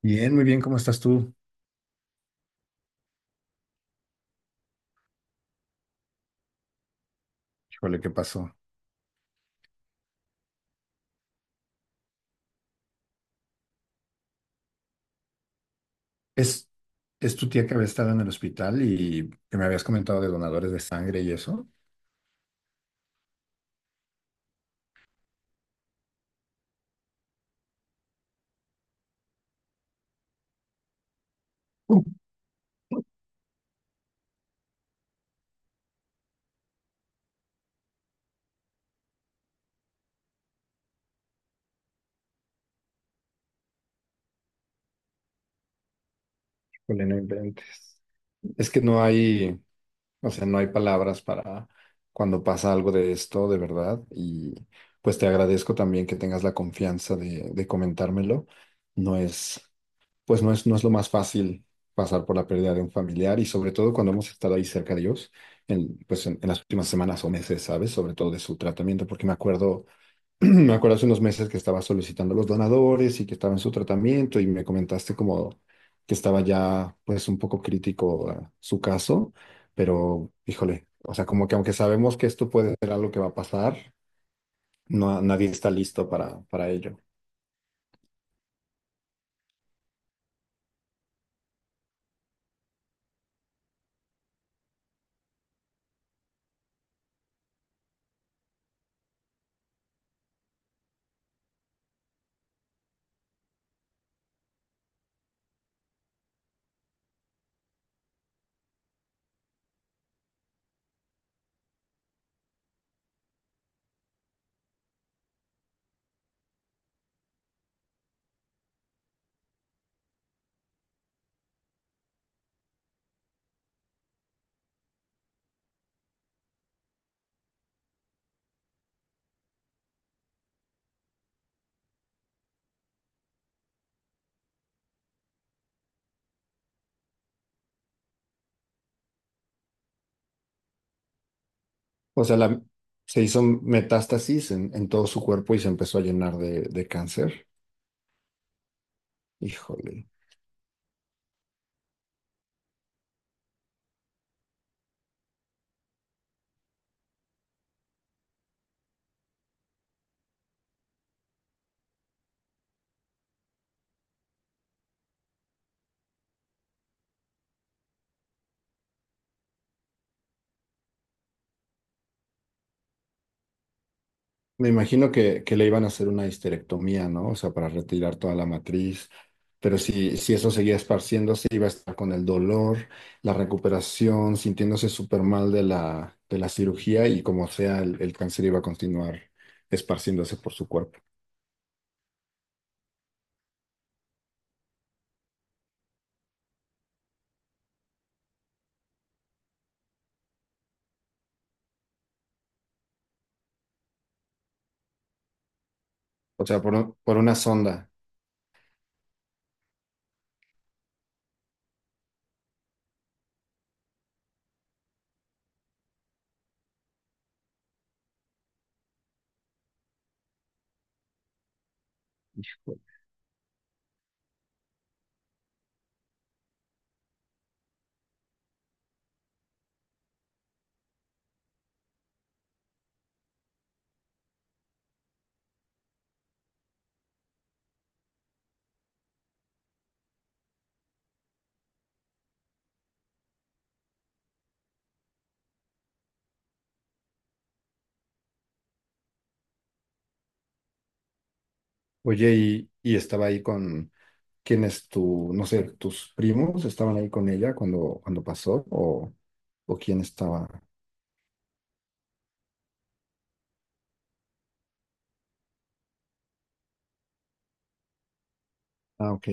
Bien, muy bien, ¿cómo estás tú? Híjole, ¿qué pasó? ¿Es, es tu tía que había estado en el hospital y que me habías comentado de donadores de sangre y eso? Híjole, no inventes. Es que no hay, o sea, No hay palabras para cuando pasa algo de esto, de verdad. Y pues te agradezco también que tengas la confianza de comentármelo. No es. Pues no es, No es lo más fácil pasar por la pérdida de un familiar y sobre todo cuando hemos estado ahí cerca de ellos, en las últimas semanas o meses, ¿sabes? Sobre todo de su tratamiento, porque me acuerdo, me acuerdo hace unos meses que estaba solicitando los donadores y que estaba en su tratamiento y me comentaste como que estaba ya pues un poco crítico su caso, pero híjole, o sea, como que aunque sabemos que esto puede ser algo que va a pasar, no, nadie está listo para ello. O sea, la- Se hizo metástasis en todo su cuerpo y se empezó a llenar de cáncer. Híjole. Me imagino que le iban a hacer una histerectomía, ¿no? O sea, para retirar toda la matriz. Pero si eso seguía esparciéndose, iba a estar con el dolor, la recuperación, sintiéndose súper mal de la cirugía y como sea, el cáncer iba a continuar esparciéndose por su cuerpo. O sea, por una sonda. Oye, y estaba ahí con quienes tu, no sé, tus primos estaban ahí con ella cuando pasó, o quién estaba. Ah, ok.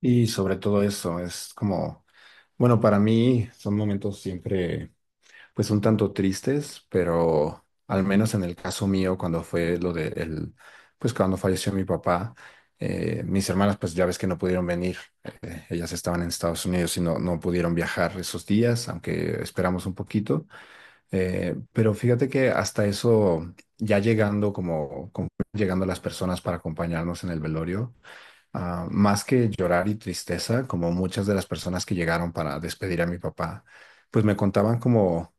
Y sobre todo eso, es como, bueno, para mí son momentos siempre, pues un tanto tristes, pero al menos en el caso mío, cuando fue lo de el, pues cuando falleció mi papá, mis hermanas, pues ya ves que no pudieron venir. Ellas estaban en Estados Unidos y no pudieron viajar esos días, aunque esperamos un poquito. Pero fíjate que hasta eso, ya llegando como, como llegando las personas para acompañarnos en el velorio, ah, más que llorar y tristeza, como muchas de las personas que llegaron para despedir a mi papá, pues me contaban como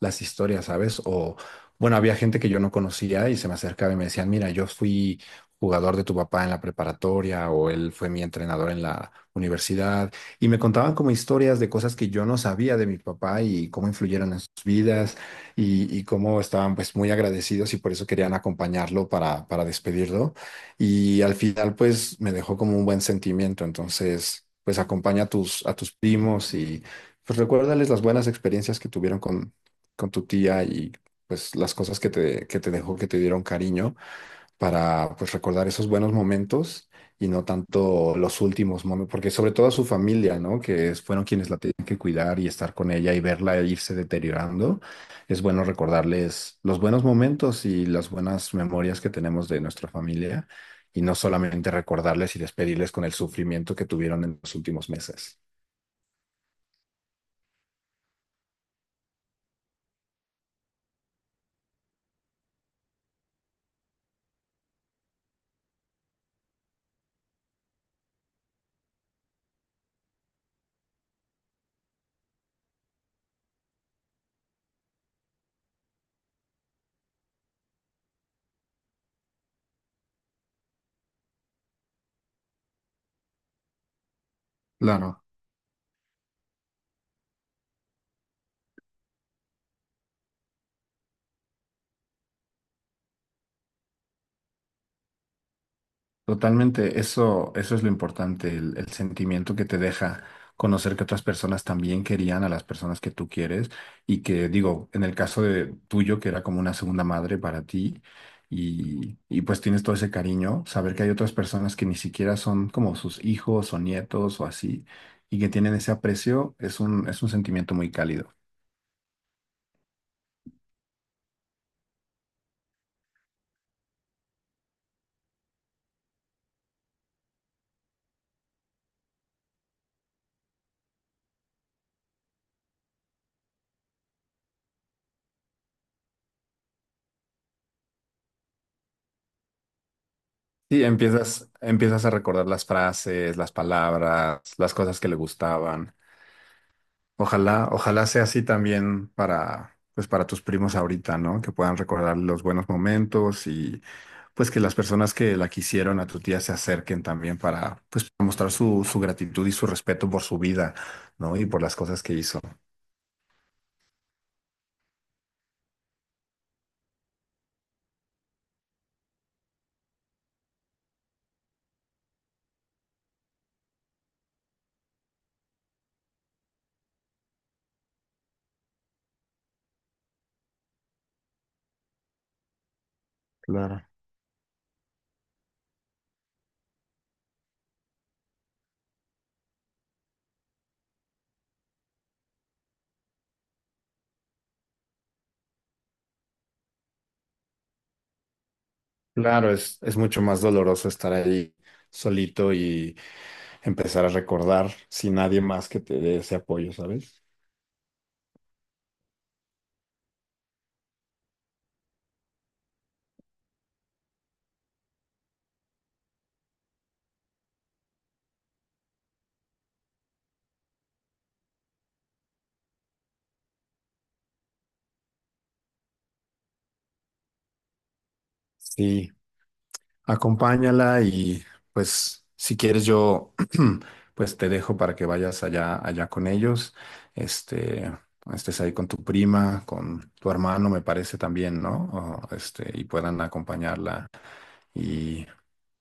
las historias, ¿sabes? O, bueno, había gente que yo no conocía y se me acercaba y me decían, mira, yo fui jugador de tu papá en la preparatoria o él fue mi entrenador en la universidad y me contaban como historias de cosas que yo no sabía de mi papá y cómo influyeron en sus vidas y cómo estaban pues muy agradecidos y por eso querían acompañarlo para despedirlo y al final pues me dejó como un buen sentimiento, entonces pues acompaña a tus primos y... Pues recuérdales las buenas experiencias que tuvieron con tu tía y pues las cosas que te dejó, que te dieron cariño, para pues recordar esos buenos momentos y no tanto los últimos momentos, porque sobre todo a su familia, ¿no? Que es- fueron quienes la tenían que cuidar y estar con ella y verla irse deteriorando. Es bueno recordarles los buenos momentos y las buenas memorias que tenemos de nuestra familia y no solamente recordarles y despedirles con el sufrimiento que tuvieron en los últimos meses. Claro. Totalmente, eso es lo importante, el sentimiento que te deja conocer que otras personas también querían a las personas que tú quieres y que digo, en el caso de tuyo, que era como una segunda madre para ti y pues tienes todo ese cariño, saber que hay otras personas que ni siquiera son como sus hijos o nietos o así y que tienen ese aprecio, es un sentimiento muy cálido. Sí, empiezas, empiezas a recordar las frases, las palabras, las cosas que le gustaban. Ojalá, ojalá sea así también para, pues para tus primos ahorita, ¿no? Que puedan recordar los buenos momentos y pues que las personas que la quisieron a tu tía se acerquen también para, pues, para mostrar su, su gratitud y su respeto por su vida, ¿no? Y por las cosas que hizo. Claro. Claro, es mucho más doloroso estar ahí solito y empezar a recordar sin nadie más que te dé ese apoyo, ¿sabes? Sí, acompáñala y pues si quieres yo pues te dejo para que vayas allá con ellos. Este, estés ahí con tu prima, con tu hermano me parece también, ¿no? O, este, y puedan acompañarla y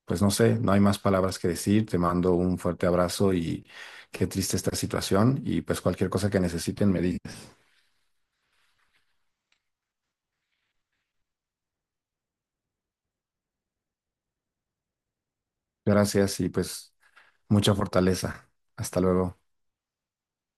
pues no sé, no hay más palabras que decir. Te mando un fuerte abrazo y qué triste esta situación y pues cualquier cosa que necesiten me dices. Gracias y pues mucha fortaleza. Hasta luego.